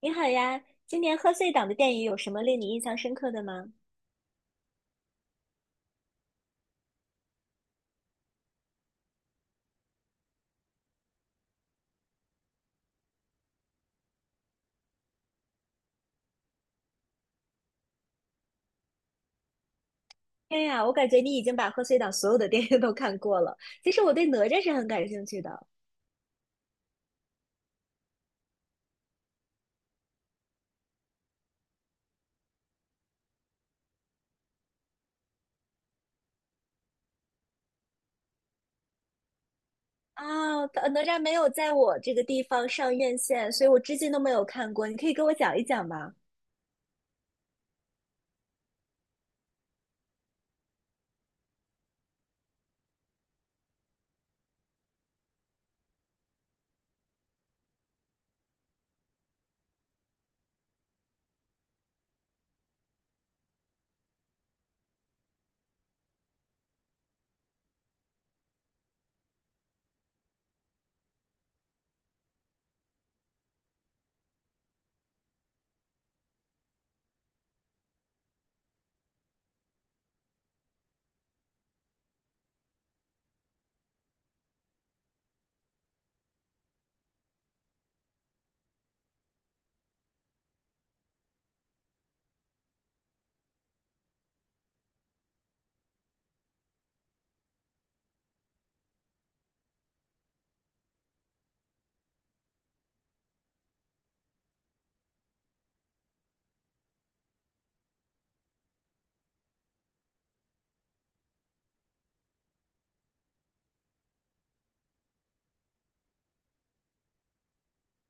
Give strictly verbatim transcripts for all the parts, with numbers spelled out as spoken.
你好呀，今年贺岁档的电影有什么令你印象深刻的吗？天呀，我感觉你已经把贺岁档所有的电影都看过了。其实我对哪吒是很感兴趣的啊，它哪吒没有在我这个地方上院线，所以我至今都没有看过。你可以给我讲一讲吗？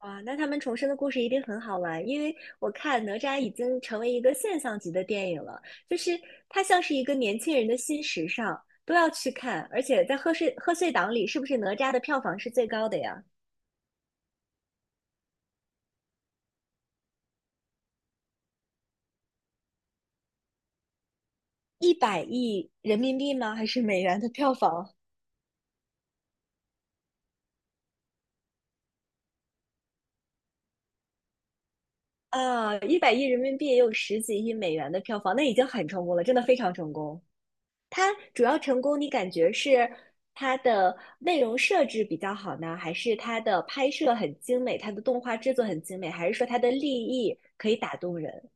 哇，那他们重生的故事一定很好玩，因为我看哪吒已经成为一个现象级的电影了，就是它像是一个年轻人的新时尚，都要去看。而且在贺岁贺岁档里，是不是哪吒的票房是最高的呀？一百亿人民币吗？还是美元的票房？啊，一百亿人民币也有十几亿美元的票房，那已经很成功了，真的非常成功。它主要成功，你感觉是它的内容设置比较好呢，还是它的拍摄很精美，它的动画制作很精美，还是说它的立意可以打动人？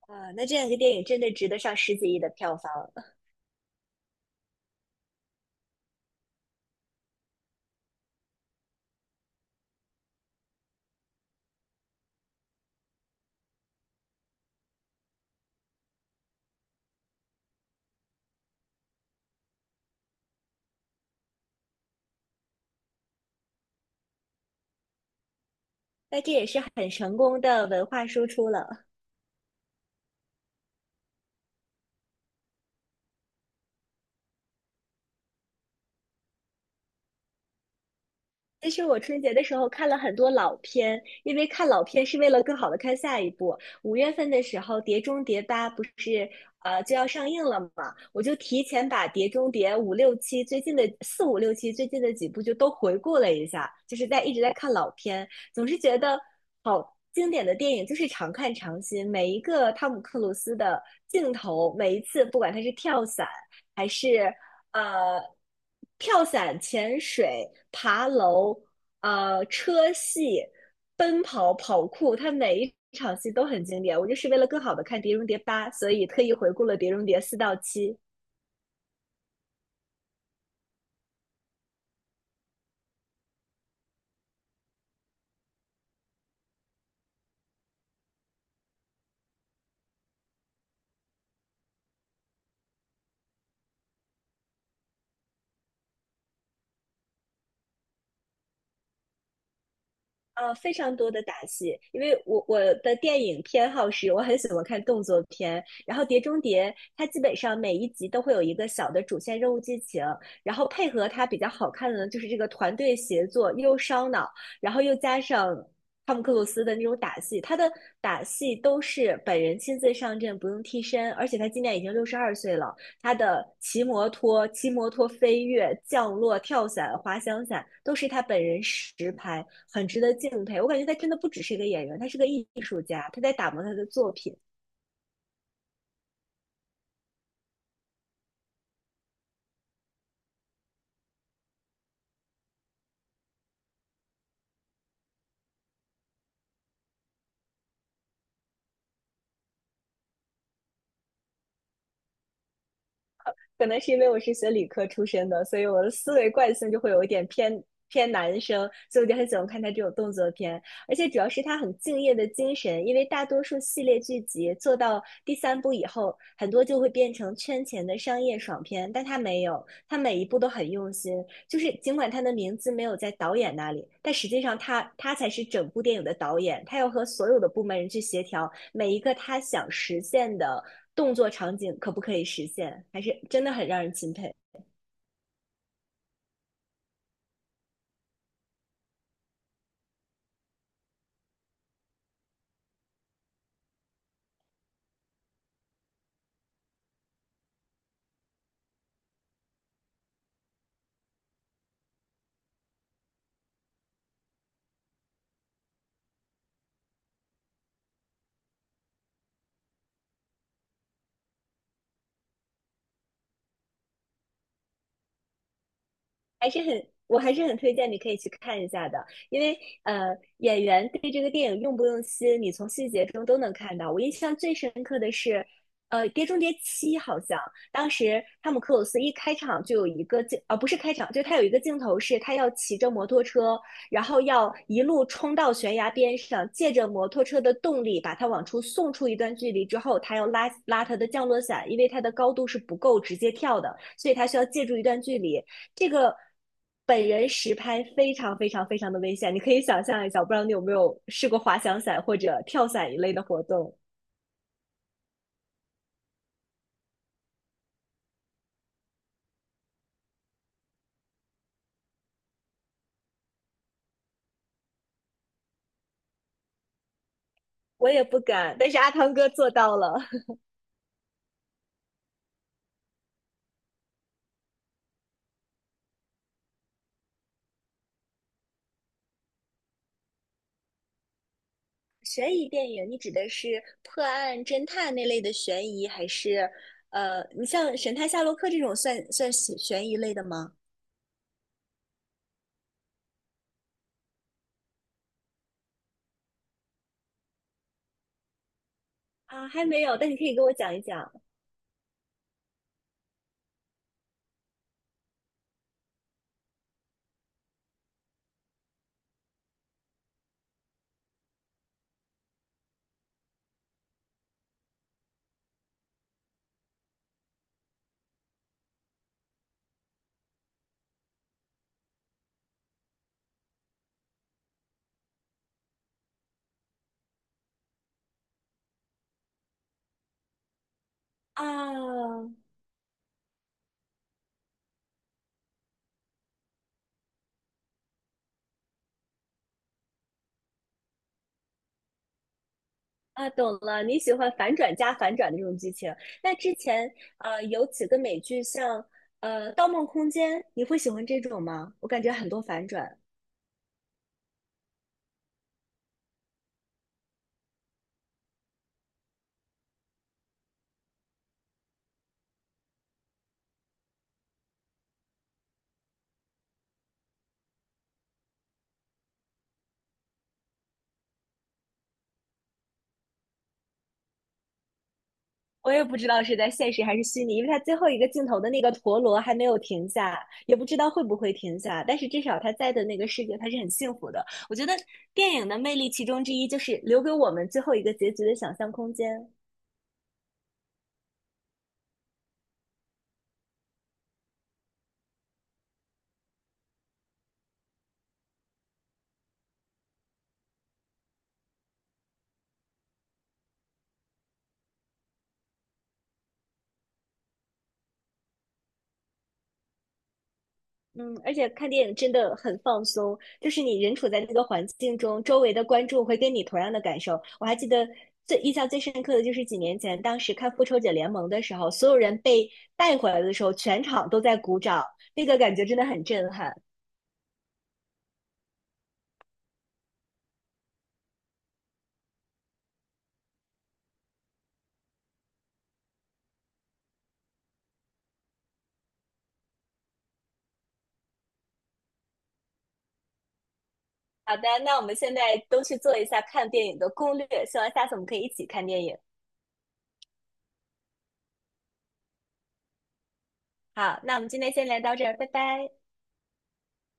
啊，那这样一个电影真的值得上十几亿的票房，那这也是很成功的文化输出了。其实我春节的时候看了很多老片，因为看老片是为了更好的看下一部。五月份的时候，《碟中谍八》不是呃就要上映了嘛，我就提前把《碟中谍》五六七最近的四五六七最近的几部就都回顾了一下，就是在一直在看老片，总是觉得好经典的电影就是常看常新，每一个汤姆克鲁斯的镜头，每一次不管他是跳伞。还是呃跳伞、潜水、爬楼、呃车戏、奔跑、跑酷，它每一场戏都很经典。我就是为了更好的看《碟中谍八》，所以特意回顾了《碟中谍四》到七。呃，非常多的打戏，因为我我的电影偏好是，我很喜欢看动作片，然后《碟中谍》它基本上每一集都会有一个小的主线任务剧情，然后配合它比较好看的呢，就是这个团队协作又烧脑，然后又加上汤姆克鲁斯的那种打戏，他的打戏都是本人亲自上阵，不用替身，而且他今年已经六十二岁了，他的骑摩托、骑摩托飞跃、降落、跳伞、滑翔伞，都是他本人实拍，很值得敬佩。我感觉他真的不只是一个演员，他是个艺术家，他在打磨他的作品。可能是因为我是学理科出身的，所以我的思维惯性就会有一点偏偏男生，所以我就很喜欢看他这种动作片。而且主要是他很敬业的精神，因为大多数系列剧集做到第三部以后，很多就会变成圈钱的商业爽片，但他没有，他每一部都很用心，就是尽管他的名字没有在导演那里，但实际上他他才是整部电影的导演，他要和所有的部门人去协调每一个他想实现的动作场景可不可以实现，还是真的很让人钦佩。还是很，我还是很推荐你可以去看一下的，因为呃，演员对这个电影用不用心，你从细节中都能看到。我印象最深刻的是，呃，《碟中谍七》好像当时汤姆克鲁斯一开场就有一个镜，呃，不是开场，就是他有一个镜头是他要骑着摩托车，然后要一路冲到悬崖边上，借着摩托车的动力把它往出送出一段距离之后，他要拉拉他的降落伞，因为他的高度是不够直接跳的，所以他需要借助一段距离。这个本人实拍非常非常非常的危险，你可以想象一下，我不知道你有没有试过滑翔伞或者跳伞一类的活动。我也不敢，但是阿汤哥做到了。悬疑电影，你指的是破案侦探那类的悬疑，还是呃，你像《神探夏洛克》这种算算悬疑类的吗？啊，还没有，但你可以给我讲一讲啊，啊，懂了，你喜欢反转加反转的这种剧情。那之前呃有几个美剧像呃《盗梦空间》，你会喜欢这种吗？我感觉很多反转，我也不知道是在现实还是虚拟，因为它最后一个镜头的那个陀螺还没有停下，也不知道会不会停下。但是至少他在的那个世界，他是很幸福的。我觉得电影的魅力其中之一就是留给我们最后一个结局的想象空间。嗯，而且看电影真的很放松，就是你人处在那个环境中，周围的观众会跟你同样的感受。我还记得最印象最深刻的就是几年前，当时看《复仇者联盟》的时候，所有人被带回来的时候，全场都在鼓掌，那个感觉真的很震撼。好的，那我们现在都去做一下看电影的攻略，希望下次我们可以一起看电影。好，那我们今天先聊到这儿，拜拜。